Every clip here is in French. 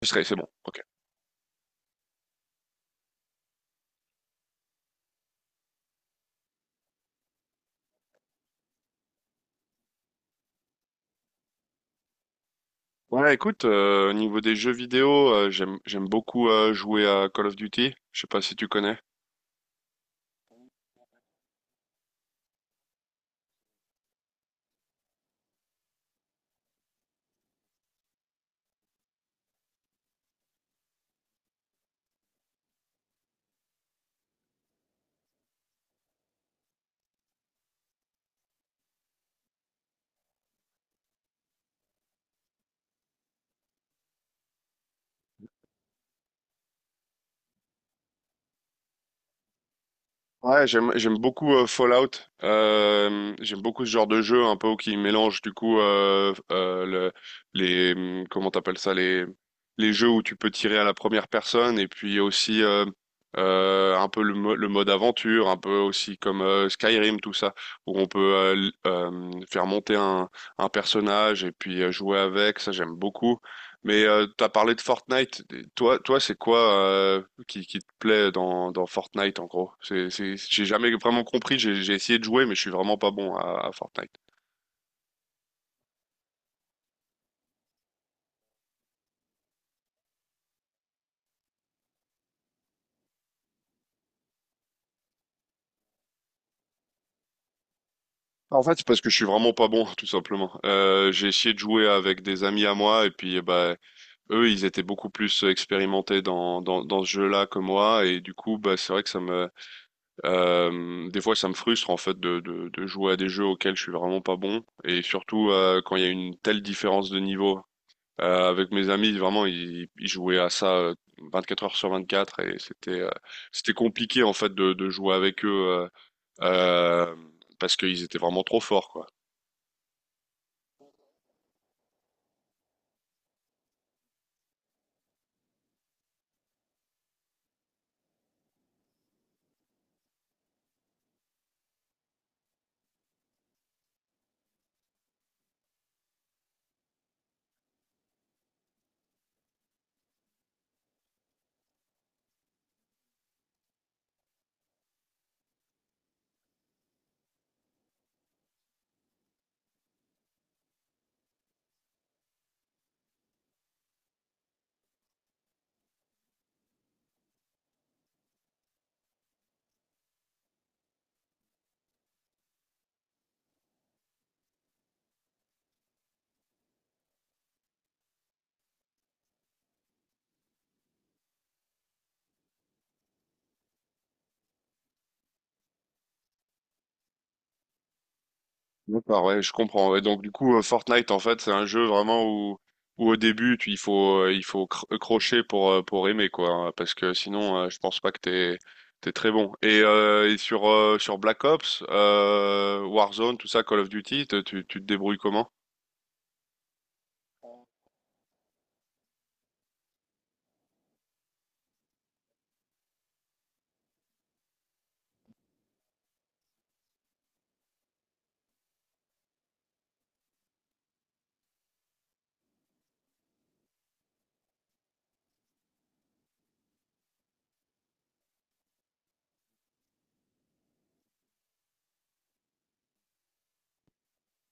Je serai, c'est bon. Ok. Ouais, écoute, au niveau des jeux vidéo, j'aime beaucoup jouer à Call of Duty. Je sais pas si tu connais. Ouais, j'aime beaucoup Fallout. J'aime beaucoup ce genre de jeu un peu qui mélange du coup le, les comment t'appelles ça les jeux où tu peux tirer à la première personne et puis aussi un peu le, le mode aventure, un peu aussi comme Skyrim tout ça où on peut faire monter un personnage et puis jouer avec. Ça j'aime beaucoup. Mais t'as parlé de Fortnite. Toi, c'est quoi euh, qui te plaît dans, dans Fortnite en gros? J'ai jamais vraiment compris. J'ai essayé de jouer, mais je suis vraiment pas bon à Fortnite. Bah, en fait, c'est parce que je suis vraiment pas bon, tout simplement. J'ai essayé de jouer avec des amis à moi, et puis eh ben, eux, ils étaient beaucoup plus expérimentés dans ce jeu-là que moi, et du coup, bah, c'est vrai que ça me des fois, ça me frustre en fait de jouer à des jeux auxquels je suis vraiment pas bon, et surtout quand il y a une telle différence de niveau. Avec mes amis, vraiment, ils jouaient à ça 24 heures sur 24, et c'était compliqué en fait de jouer avec eux euh, parce qu'ils étaient vraiment trop forts, quoi. D'accord, ouais, je comprends. Ouais, donc du coup, Fortnite, en fait, c'est un jeu vraiment où, où au début, tu, il faut, il faut crocher pour aimer, quoi. Hein, parce que sinon, je pense pas que t'es, t'es très bon. Et sur, sur Black Ops, Warzone, tout ça, Call of Duty, tu te débrouilles comment?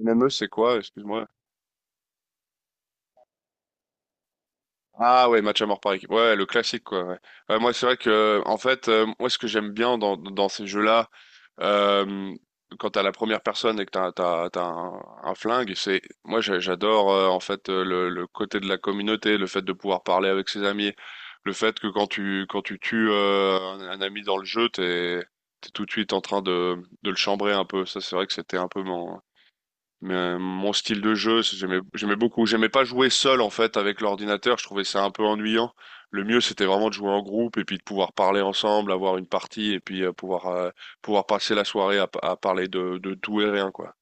MME, c'est quoi? Excuse-moi. Ah ouais, match à mort par équipe. Ouais, le classique quoi. Ouais. Ouais, moi c'est vrai que en fait, moi ce que j'aime bien dans, dans ces jeux-là, euh, quand t'as la première personne et que t'as un flingue, c'est moi j'adore en fait le côté de la communauté, le fait de pouvoir parler avec ses amis, le fait que quand tu tues un ami dans le jeu, t'es t'es tout de suite en train de le chambrer un peu. Ça c'est vrai que c'était un peu mon mais, mon style de jeu, c'est- j'aimais, j'aimais beaucoup. J'aimais pas jouer seul en fait avec l'ordinateur. Je trouvais ça un peu ennuyant. Le mieux, c'était vraiment de jouer en groupe et puis de pouvoir parler ensemble, avoir une partie et puis pouvoir pouvoir passer la soirée à parler de tout et rien, quoi.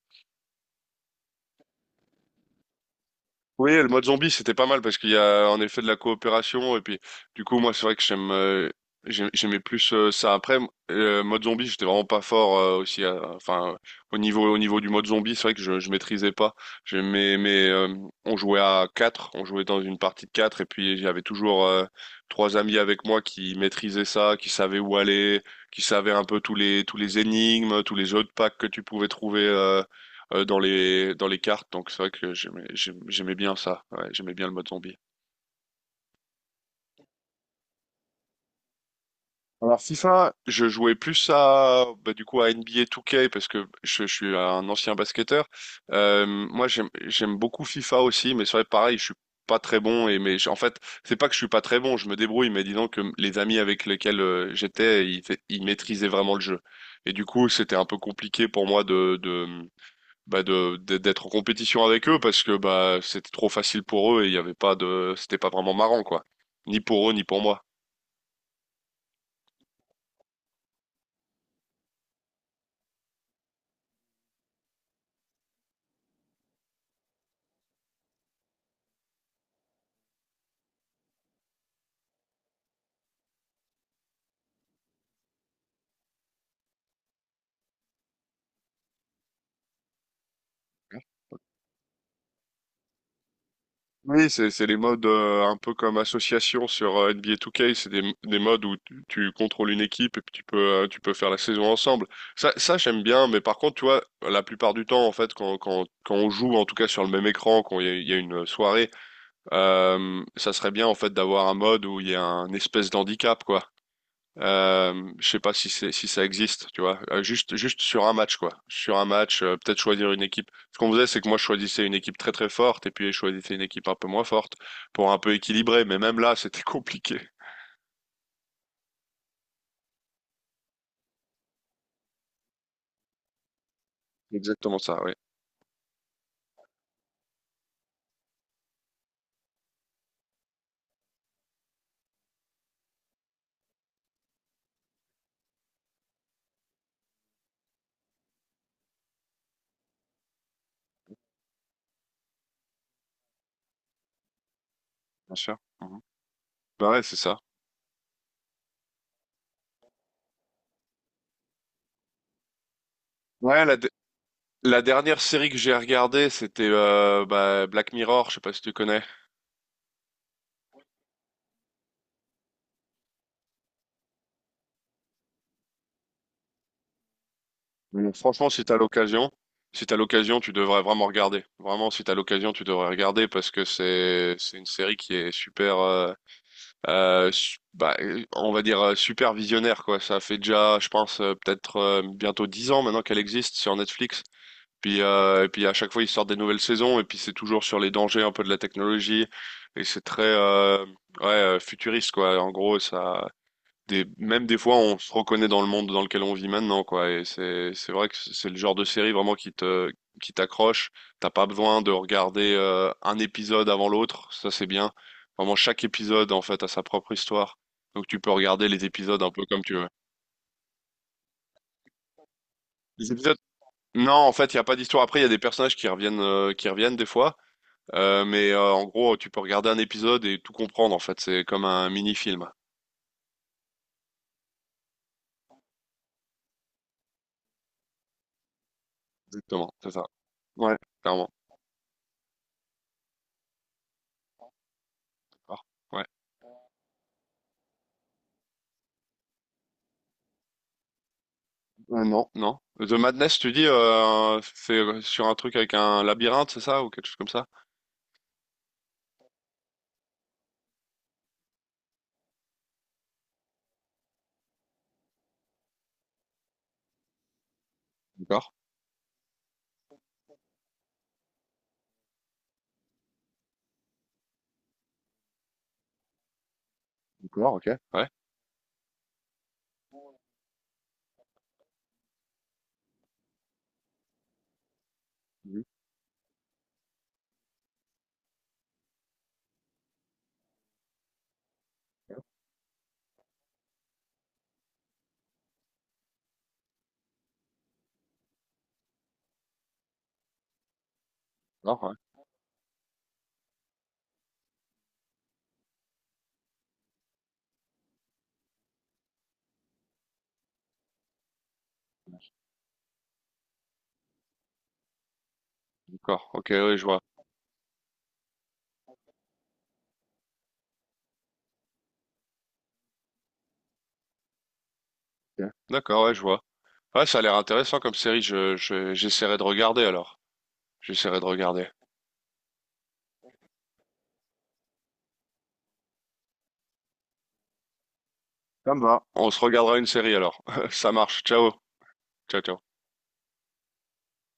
Oui, le mode zombie, c'était pas mal parce qu'il y a en effet de la coopération et puis du coup moi c'est vrai que j'aime j'aimais plus ça après mode zombie, j'étais vraiment pas fort aussi enfin au niveau du mode zombie, c'est vrai que je maîtrisais pas. J'aimais mais on jouait à quatre, on jouait dans une partie de quatre et puis j'avais toujours trois amis avec moi qui maîtrisaient ça, qui savaient où aller, qui savaient un peu tous les énigmes, tous les jeux de packs que tu pouvais trouver dans les cartes, donc c'est vrai que j'aimais bien ça. Ouais, j'aimais bien le mode zombie. Alors FIFA, je jouais plus à bah, du coup à NBA 2K parce que je suis un ancien basketteur. Moi j'aime beaucoup FIFA aussi, mais c'est vrai pareil, je suis pas très bon et mais en fait c'est pas que je suis pas très bon, je me débrouille, mais disons que les amis avec lesquels j'étais, ils, ils maîtrisaient vraiment le jeu. Et du coup c'était un peu compliqué pour moi de bah de d'- d'être en compétition avec eux parce que bah c'était trop facile pour eux et il y avait pas de c'était pas vraiment marrant quoi. Ni pour eux ni pour moi. Oui, c'est les modes un peu comme association sur NBA 2K, c'est des modes où tu contrôles une équipe et puis tu peux faire la saison ensemble. Ça j'aime bien, mais par contre tu vois la plupart du temps en fait quand on joue en tout cas sur le même écran quand il y a une soirée. Ça serait bien en fait d'avoir un mode où il y a un espèce d'handicap quoi. Je sais pas si c'est si ça existe, tu vois. Euh, juste sur un match quoi. Sur un match, peut-être choisir une équipe. Ce qu'on faisait, c'est que moi je choisissais une équipe très très forte et puis je choisissais une équipe un peu moins forte pour un peu équilibrer. Mais même là, c'était compliqué. Exactement ça, oui, bien sûr. Mhm. Bah ouais, c'est ça. Ouais, la dernière série que j'ai regardée, c'était bah, Black Mirror. Je sais pas si tu connais. Donc, franchement, si t'as l'occasion, si t'as l'occasion, tu devrais vraiment regarder. Vraiment, si t'as l'occasion, tu devrais regarder parce que c'est une série qui est super, bah, on va dire super visionnaire quoi. Ça fait déjà, je pense, peut-être bientôt 10 ans maintenant qu'elle existe sur Netflix. Puis et puis à chaque fois ils sortent des nouvelles saisons et puis c'est toujours sur les dangers un peu de la technologie et c'est très ouais futuriste quoi. En gros, ça des, même des fois, on se reconnaît dans le monde dans lequel on vit maintenant, quoi. Et c'est vrai que c'est le genre de série vraiment qui te, qui t'accroche. T'as pas besoin de regarder un épisode avant l'autre. Ça, c'est bien. Vraiment, chaque épisode, en fait, a sa propre histoire. Donc, tu peux regarder les épisodes un peu comme tu veux. Les épisodes, non, en fait, il n'y a pas d'histoire. Après, il y a des personnages qui reviennent des fois. En gros, tu peux regarder un épisode et tout comprendre, en fait. C'est comme un mini-film. Exactement, c'est ça. Ouais, clairement. Ouais. Non. The Madness, tu dis, c'est sur un truc avec un labyrinthe, c'est ça, ou quelque chose comme ça? D'accord, d'accord, ok. Ouais. Mhm. D'accord, ouais. D'accord, ok, oui, je vois. Ok. D'accord, ouais, je vois. Ouais, ça a l'air intéressant comme série, j'essaierai de regarder alors. J'essaierai de regarder. Ça me va. On se regardera une série alors. Ça marche, ciao. Ciao, ciao.